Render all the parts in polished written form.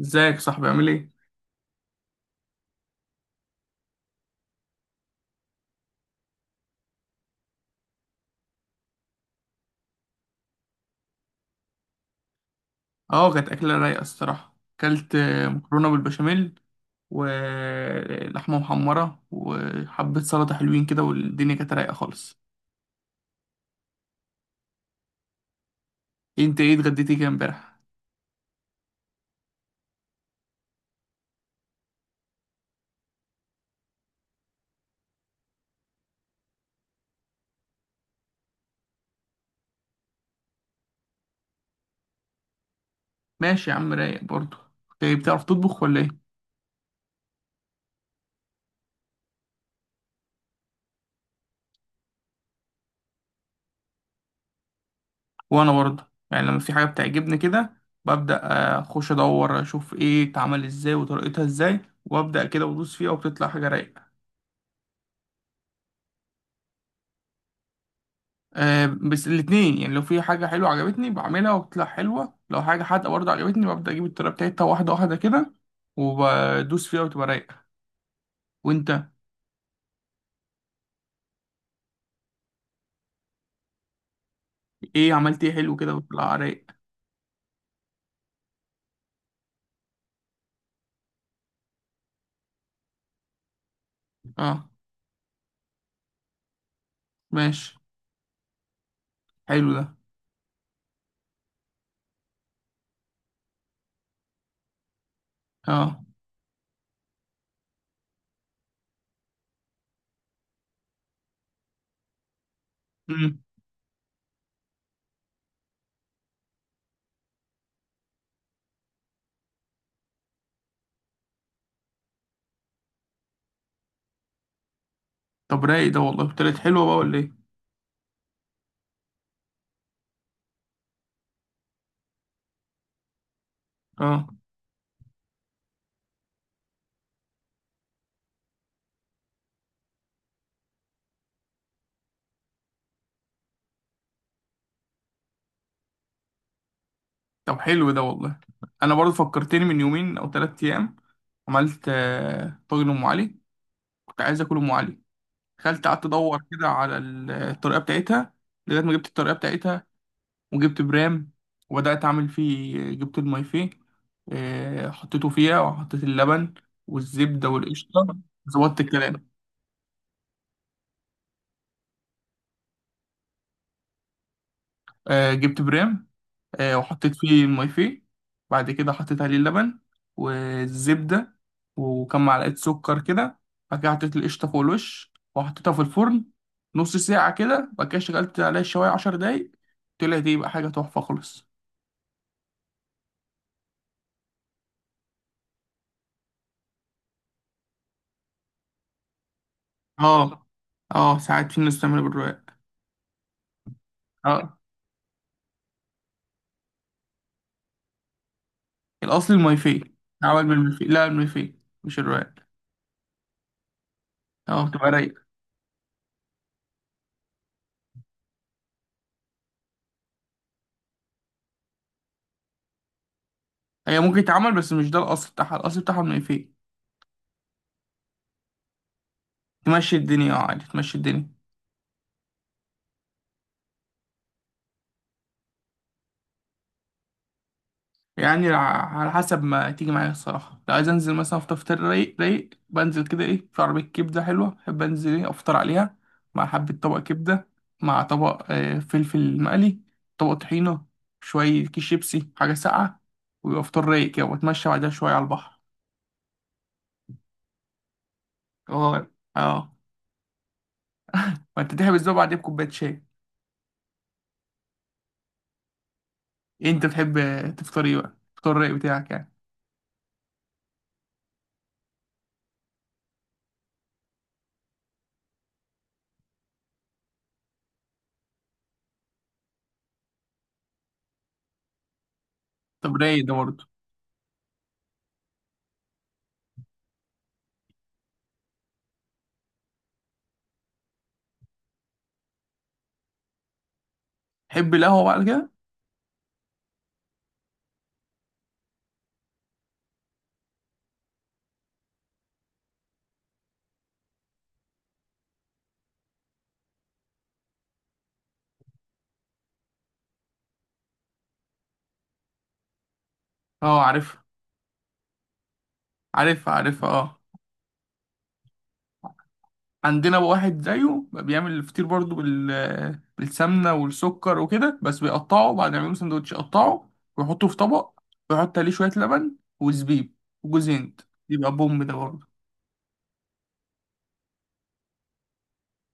ازيك يا صاحبي، عامل ايه؟ اه، كانت أكلة رايقة الصراحة. أكلت مكرونة بالبشاميل ولحمة محمرة وحبة سلطة حلوين كده، والدنيا كانت رايقة خالص. انت ايه اتغديتي كده امبارح؟ ماشي يا عم، رايق برضه. ايه، بتعرف تطبخ ولا ايه؟ وانا برضه يعني لما في حاجة بتعجبني كده ببدأ اخش ادور اشوف ايه اتعمل ازاي وطريقتها ازاي، وابدأ كده وادوس فيها وبتطلع حاجة رايقة. بس الاتنين يعني، لو في حاجة حلوة عجبتني بعملها وبتطلع حلوة، لو حاجة حادقة برضه عجبتني ببدأ أجيب الطريقة بتاعتها واحدة واحدة كده وبدوس فيها وتبقى رايقة. وأنت؟ إيه عملت إيه حلو كده وطلع رايق؟ أه. ماشي. حلو ده. أه. مم. طب رايق ده، والله طلعت حلوة بقى ولا إيه؟ أه. طب حلو ده والله. أنا برضه فكرتني من يومين أو 3 أيام عملت طاجن أم علي. كنت عايز آكل أم علي، دخلت قعدت أدور كده على الطريقة بتاعتها لغاية ما جبت الطريقة بتاعتها، وجبت برام وبدأت أعمل فيه. جبت المايفيه، حطيته فيها وحطيت اللبن والزبدة والقشطة. ظبطت الكلام. جبت برام، وحطيت فيه المايفيه. بعد كده حطيت عليه اللبن والزبدة وكم معلقة سكر كده. بعد كده حطيت القشطة فوق الوش وحطيتها في الفرن نص ساعة كده. بعد كده شغلت عليها الشواية 10 دقايق. طلعت ايه بقى، حاجة تحفة خالص. اه. اه، ساعات في الناس بتعملها بالرواق. اه، الأصل الملوخية. عمل من الملوخية، لا الملوخية مش الرقاق. اه بتبقى رايقة. هي ممكن تتعمل بس مش ده الأصل بتاعها، الأصل بتاعها الملوخية. تمشي الدنيا، اه عادي تمشي الدنيا. يعني على حسب ما تيجي معايا الصراحة. لو عايز أنزل مثلا أفطر فطار رايق رايق، بنزل كده إيه في عربية كبدة حلوة، بحب أنزل إيه أفطر عليها مع حبة طبق كبدة، مع طبق فلفل مقلي، طبق طحينة، شوية كيس شيبسي، حاجة ساقعة، ويبقى فطار رايق كده وأتمشى بعدها شوية على البحر. اه اه. وأنت تحب الزوبعة دي بكوباية شاي. إيه انت بتحب تفطر ايه بقى، الفطار الرايق بتاعك يعني؟ طب رايق ده برضه. تحب القهوه بقى على كده. اه. عارفها عارفها عارفها، اه. عندنا بقى واحد زيه بقى بيعمل الفطير برضه بالسمنه والسكر وكده، بس بيقطعه بعد ما يعملوا سندوتش، يقطعه ويحطه في طبق، ويحط عليه شويه لبن وزبيب وجوز هند. يبقى بوم ده برضه.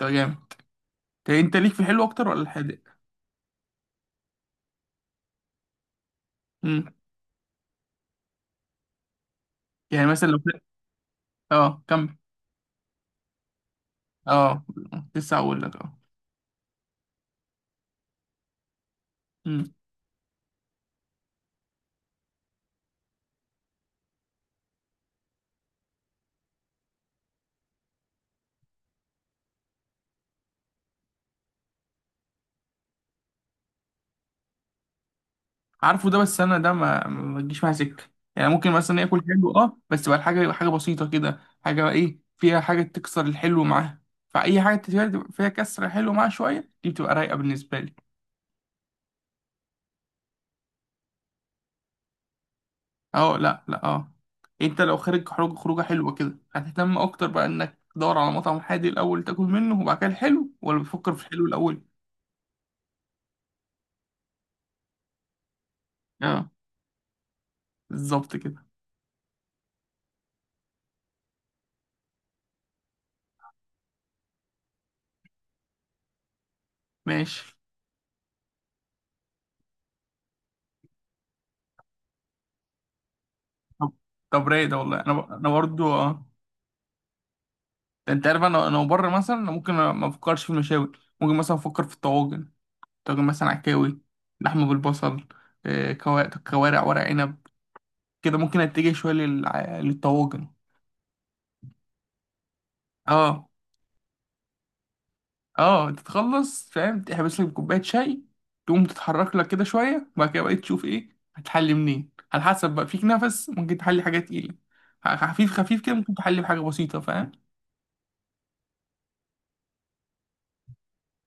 ده جامد. طب انت ليك في الحلو اكتر ولا الحادق؟ امم. يعني مثلا لو اه، كم اه، لسه هقول لك اه. عارفه ده، بس انا ده ما بتجيش معايا سكه. يعني ممكن مثلا ياكل حلو اه، بس تبقى الحاجه حاجه بسيطه كده، حاجه بقى ايه فيها حاجه تكسر الحلو معاها. فاي حاجه فيها كسر الحلو معاها شويه، دي بتبقى رايقه بالنسبه لي. اه لا لا اه. انت لو خارج خروجه حلوه كده، هتهتم اكتر بقى انك تدور على مطعم حادي الاول تاكل منه، وبعد كده الحلو، ولا بتفكر في الحلو الاول؟ اه. بالظبط كده. ماشي. طب طب رايق ده والله. انا انا برضو اه. انت عارف انا بره مثلا انا ممكن ما افكرش في المشاوي. ممكن مثلا افكر في الطواجن، طاجن مثلا عكاوي، لحمه بالبصل، كوارع، ورق عنب. كده ممكن اتجه شويه للطواجن. اه اه، تتخلص فاهم، تحبس لك كوبايه شاي، تقوم تتحرك لك كده شويه، وبعد كده بقى تشوف ايه هتحلي منين، على حسب بقى فيك نفس، ممكن تحلي حاجه تقيله. خفيف خفيف كده ممكن تحلي بحاجه بسيطه، فاهم.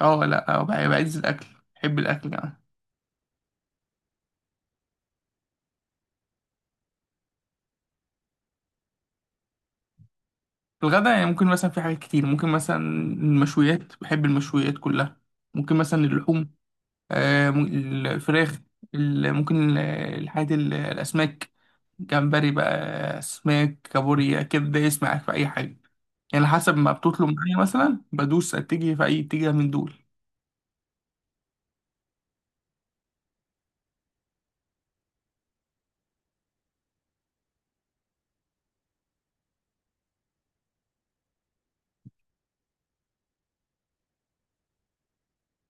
اه لا، بعز الاكل بحب الاكل يعني. الغدا يعني ممكن مثلا في حاجات كتير. ممكن مثلا المشويات، بحب المشويات كلها. ممكن مثلا اللحوم، آه، م- الفراخ، ممكن الحاجات، الأسماك، جمبري بقى، أسماك، كابوريا كده، دايس معاك في أي حاجة. يعني على حسب ما بتطلب معايا مثلا بدوس أتجه في أي اتجاه من دول.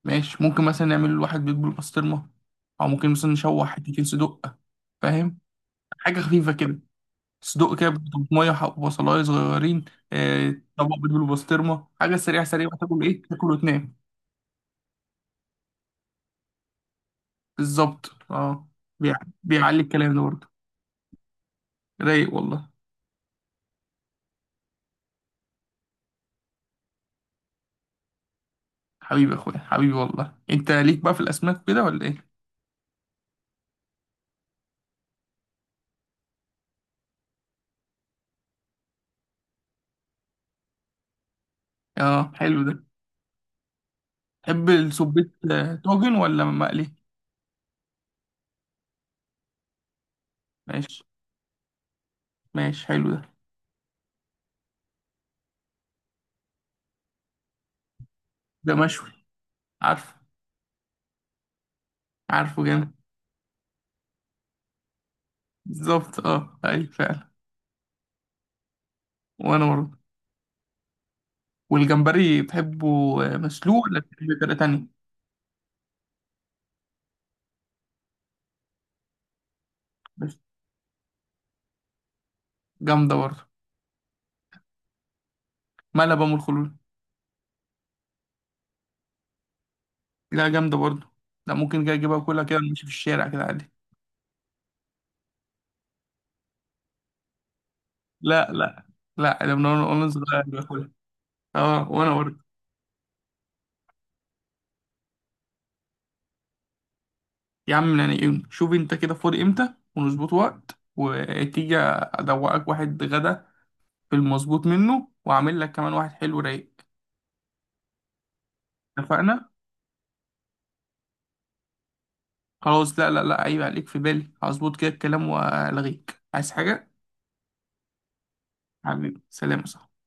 ماشي، ممكن مثلا نعمل واحد بيت بالبسطرمة، أو ممكن مثلا نشوح حتتين صدق، فاهم، حاجة خفيفة كده، صدوق كده بطماطمية وبصلاية صغيرين، طبق بيض بالبسطرمة، حاجة سريعة سريعة تاكل إيه، تاكل وتنام. بالظبط اه. بيعلي الكلام ده برضه. رايق والله. حبيبي يا أخويا، حبيبي والله. أنت ليك بقى في الأسماك كده ولا إيه؟ اه، حلو ده. تحب السبيت طاجن ولا مقلي؟ ماشي ماشي، حلو ده. ده مشوي. عارفه، عارفه جامد. بالظبط اه، أيوة فعلا. وأنا برضه. والجمبري بتحبه مسلوق ولا بتحبه بطريقة تانية؟ بس، جامدة برضه. ملبن والخلول، لا جامدة برضه. لا ممكن كده اجيبها كلها كده نمشي في الشارع كده عادي. لا لا لا، ده من وأنا صغير باكلها. اه وانا برضه. يا عم يعني إيه، شوف انت كده فاضي امتى ونظبط وقت، وتيجي ادوقك واحد غدا في المظبوط منه، واعمل لك كمان واحد حلو رايق. اتفقنا. خلاص لا لا لا، عيب عليك، في بالي. هظبط كده الكلام، والغيك عايز حاجة. حبيبي سلام يا صاحبي.